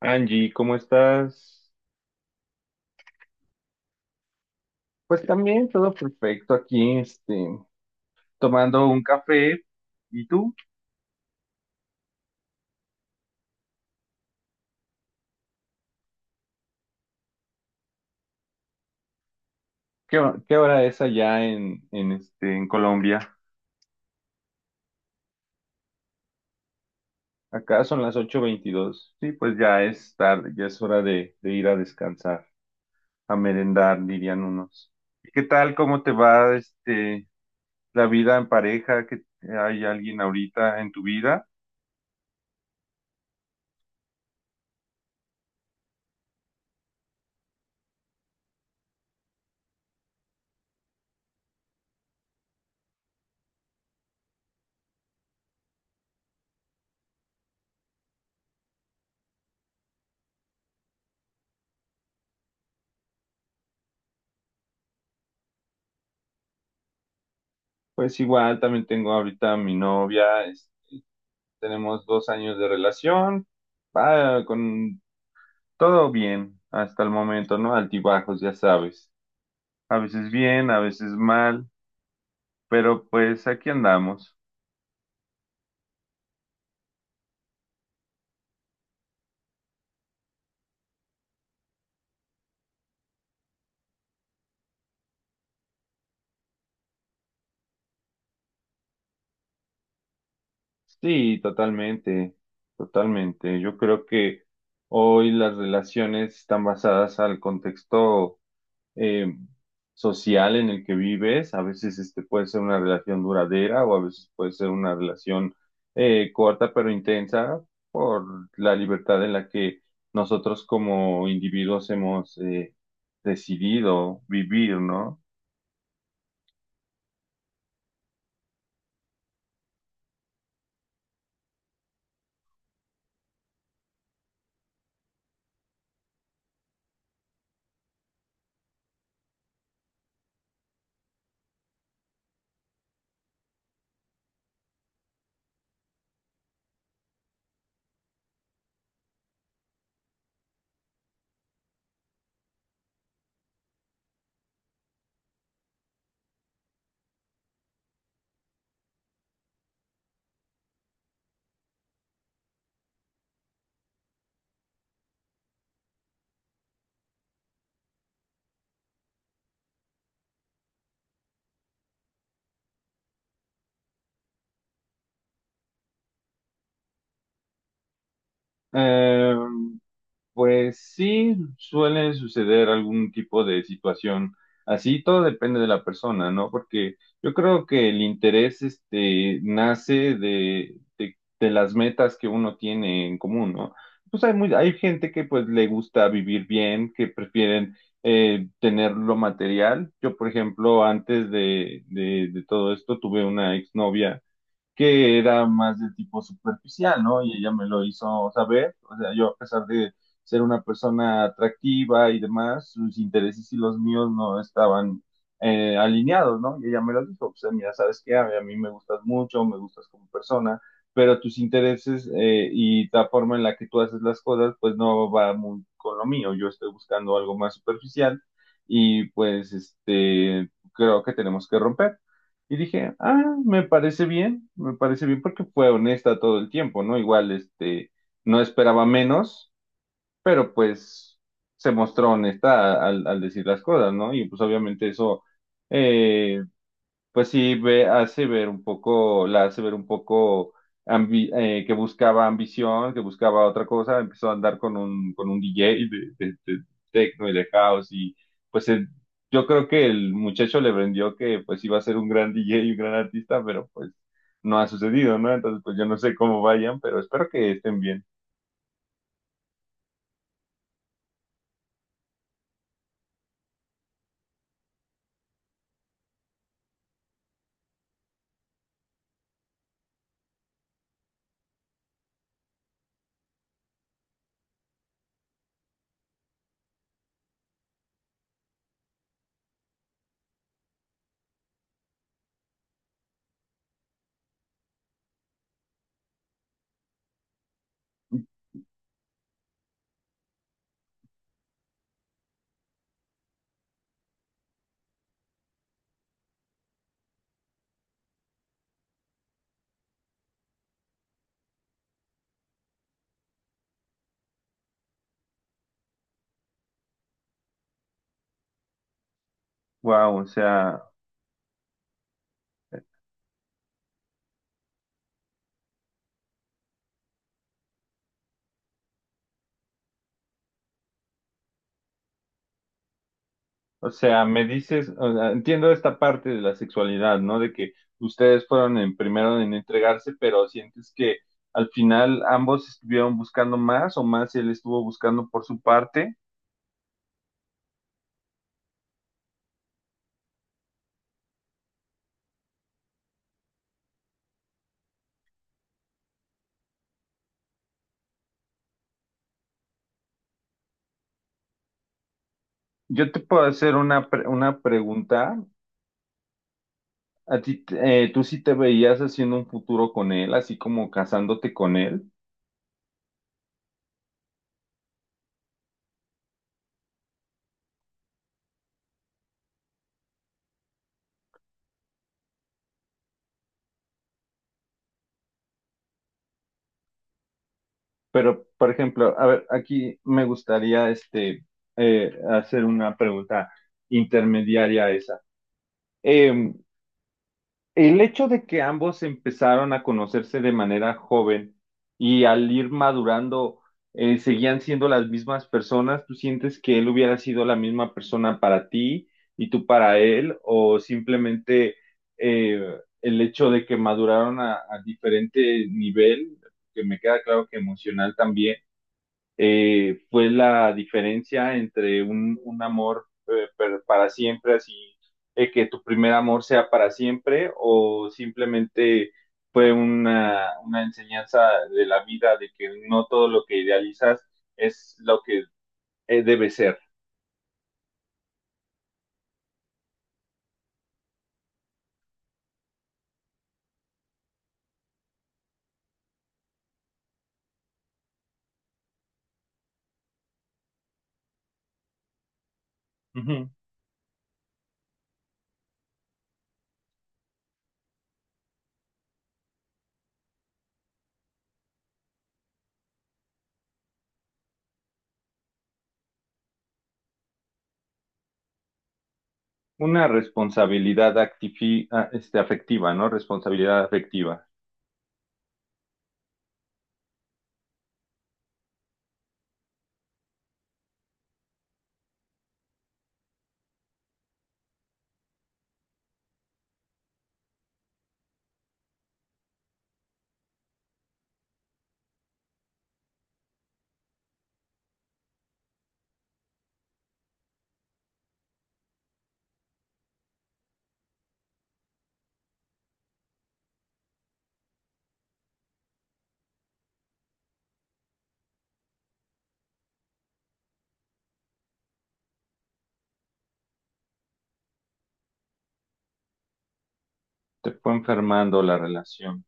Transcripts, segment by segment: Angie, ¿cómo estás? Pues también todo perfecto aquí, tomando un café. ¿Y tú? ¿ Qué hora es allá en Colombia? Acá son las ocho veintidós. Sí, pues ya es tarde, ya es hora de ir a descansar, a merendar, dirían unos. ¿Y qué tal? ¿Cómo te va, la vida en pareja? ¿Que hay alguien ahorita en tu vida? Pues igual, también tengo ahorita a mi novia. Tenemos dos años de relación, va con todo bien hasta el momento, ¿no? Altibajos, ya sabes. A veces bien, a veces mal, pero pues aquí andamos. Sí, totalmente, totalmente. Yo creo que hoy las relaciones están basadas al contexto eh, social en el que vives. A veces este puede ser una relación duradera o a veces puede ser una relación corta pero intensa por la libertad en la que nosotros como individuos hemos decidido vivir, ¿no? Eh, Pues sí, suele suceder algún tipo de situación así, todo depende de la persona, ¿no? Porque yo creo que el interés este, nace de las metas que uno tiene en común, ¿no? Pues hay, muy, hay gente que pues le gusta vivir bien, que prefieren tener lo material. Yo, por ejemplo, antes de todo esto tuve una exnovia que era más de tipo superficial, ¿no? Y ella me lo hizo saber, o sea, yo a pesar de ser una persona atractiva y demás, sus intereses y los míos no estaban alineados, ¿no? Y ella me lo dijo, o sea, mira, sabes qué, a mí me gustas mucho, me gustas como persona, pero tus intereses y la forma en la que tú haces las cosas, pues no va muy con lo mío, yo estoy buscando algo más superficial y pues creo que tenemos que romper. Y dije, ah, me parece bien porque fue honesta todo el tiempo, ¿no? Igual, no esperaba menos, pero pues se mostró honesta al decir las cosas, ¿no? Y pues obviamente eso, eh, pues sí ve, hace ver un poco, la hace ver un poco que buscaba ambición, que buscaba otra cosa, empezó a andar con un DJ de techno y de house y pues yo creo que el muchacho le vendió que pues iba a ser un gran DJ y un gran artista, pero pues no ha sucedido, ¿no? Entonces pues yo no sé cómo vayan, pero espero que estén bien. Wow, o sea... O sea, me dices, o sea, entiendo esta parte de la sexualidad, ¿no? De que ustedes fueron en primero en entregarse, pero sientes que al final ambos estuvieron buscando más o más él estuvo buscando por su parte. Yo te puedo hacer una, una pregunta. A ti, tú sí te veías haciendo un futuro con él, así como casándote con él. Pero, por ejemplo, a ver, aquí me gustaría hacer una pregunta intermediaria a esa. Em, El hecho de que ambos empezaron a conocerse de manera joven y al ir madurando seguían siendo las mismas personas, ¿tú sientes que él hubiera sido la misma persona para ti y tú para él? ¿O simplemente eh, el hecho de que maduraron a diferente nivel, que me queda claro que emocional también? Fue la diferencia entre un amor para siempre, así que tu primer amor sea para siempre, o simplemente fue una enseñanza de la vida de que no todo lo que idealizas es lo que debe ser. Ujú. Una responsabilidad afectiva, ¿no? Responsabilidad afectiva. Te fue enfermando la relación.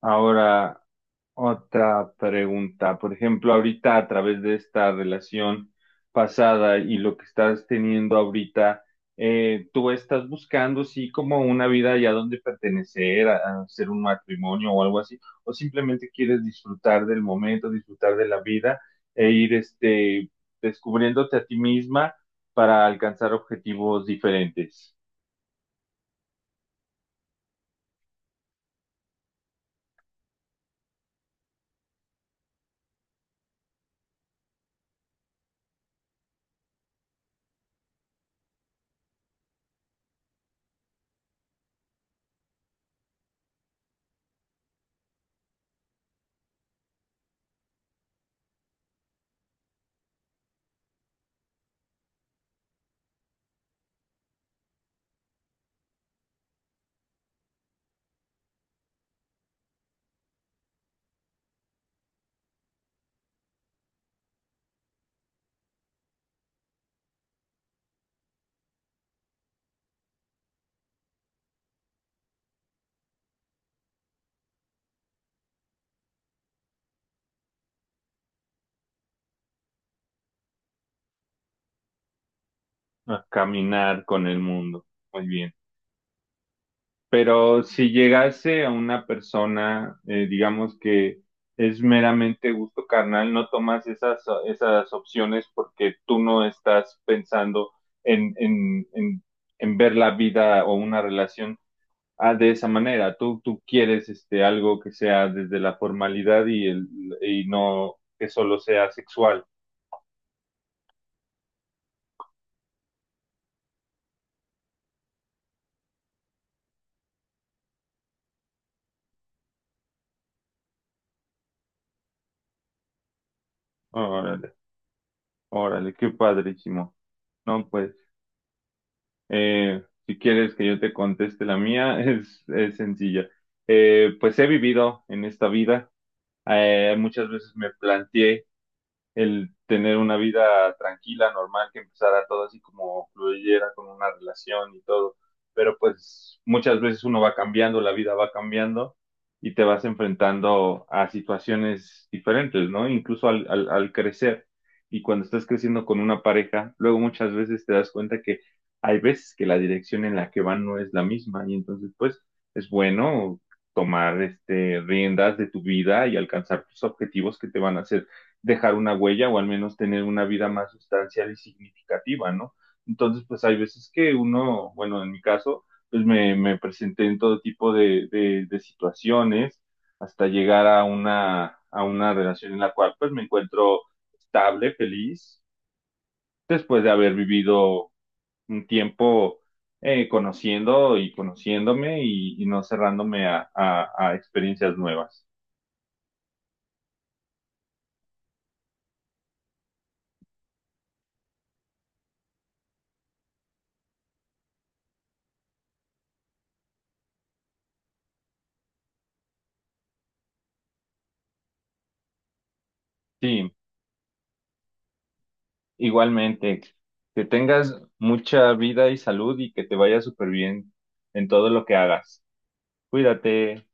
Ahora, otra pregunta, por ejemplo, ahorita a través de esta relación pasada y lo que estás teniendo ahorita, tú estás buscando sí como una vida ya donde pertenecer, a hacer un matrimonio o algo así, o simplemente quieres disfrutar del momento, disfrutar de la vida e ir descubriéndote a ti misma para alcanzar objetivos diferentes, a caminar con el mundo. Muy bien. Pero si llegase a una persona, digamos que es meramente gusto carnal, no tomas esas, esas opciones porque tú no estás pensando en, en, en, en ver la vida o una relación de esa manera. Tú quieres algo que sea desde la formalidad y, el, y no que solo sea sexual. Órale, órale, qué padrísimo. No, pues. Si quieres que yo te conteste la mía, es sencilla. Pues he vivido en esta vida. Muchas veces me planteé el tener una vida tranquila, normal, que empezara todo así como fluyera con una relación y todo. Pero pues muchas veces uno va cambiando, la vida va cambiando y te vas enfrentando a situaciones diferentes, ¿no? Incluso al crecer. Y cuando estás creciendo con una pareja, luego muchas veces te das cuenta que hay veces que la dirección en la que van no es la misma y entonces pues es bueno tomar riendas de tu vida y alcanzar tus objetivos que te van a hacer dejar una huella o al menos tener una vida más sustancial y significativa, ¿no? Entonces, pues hay veces que uno, bueno, en mi caso, pues me presenté en todo tipo de situaciones hasta llegar a una relación en la cual pues me encuentro estable, feliz, después de haber vivido un tiempo conociendo y conociéndome y no cerrándome a experiencias nuevas. Sí, igualmente, que tengas mucha vida y salud y que te vaya súper bien en todo lo que hagas. Cuídate.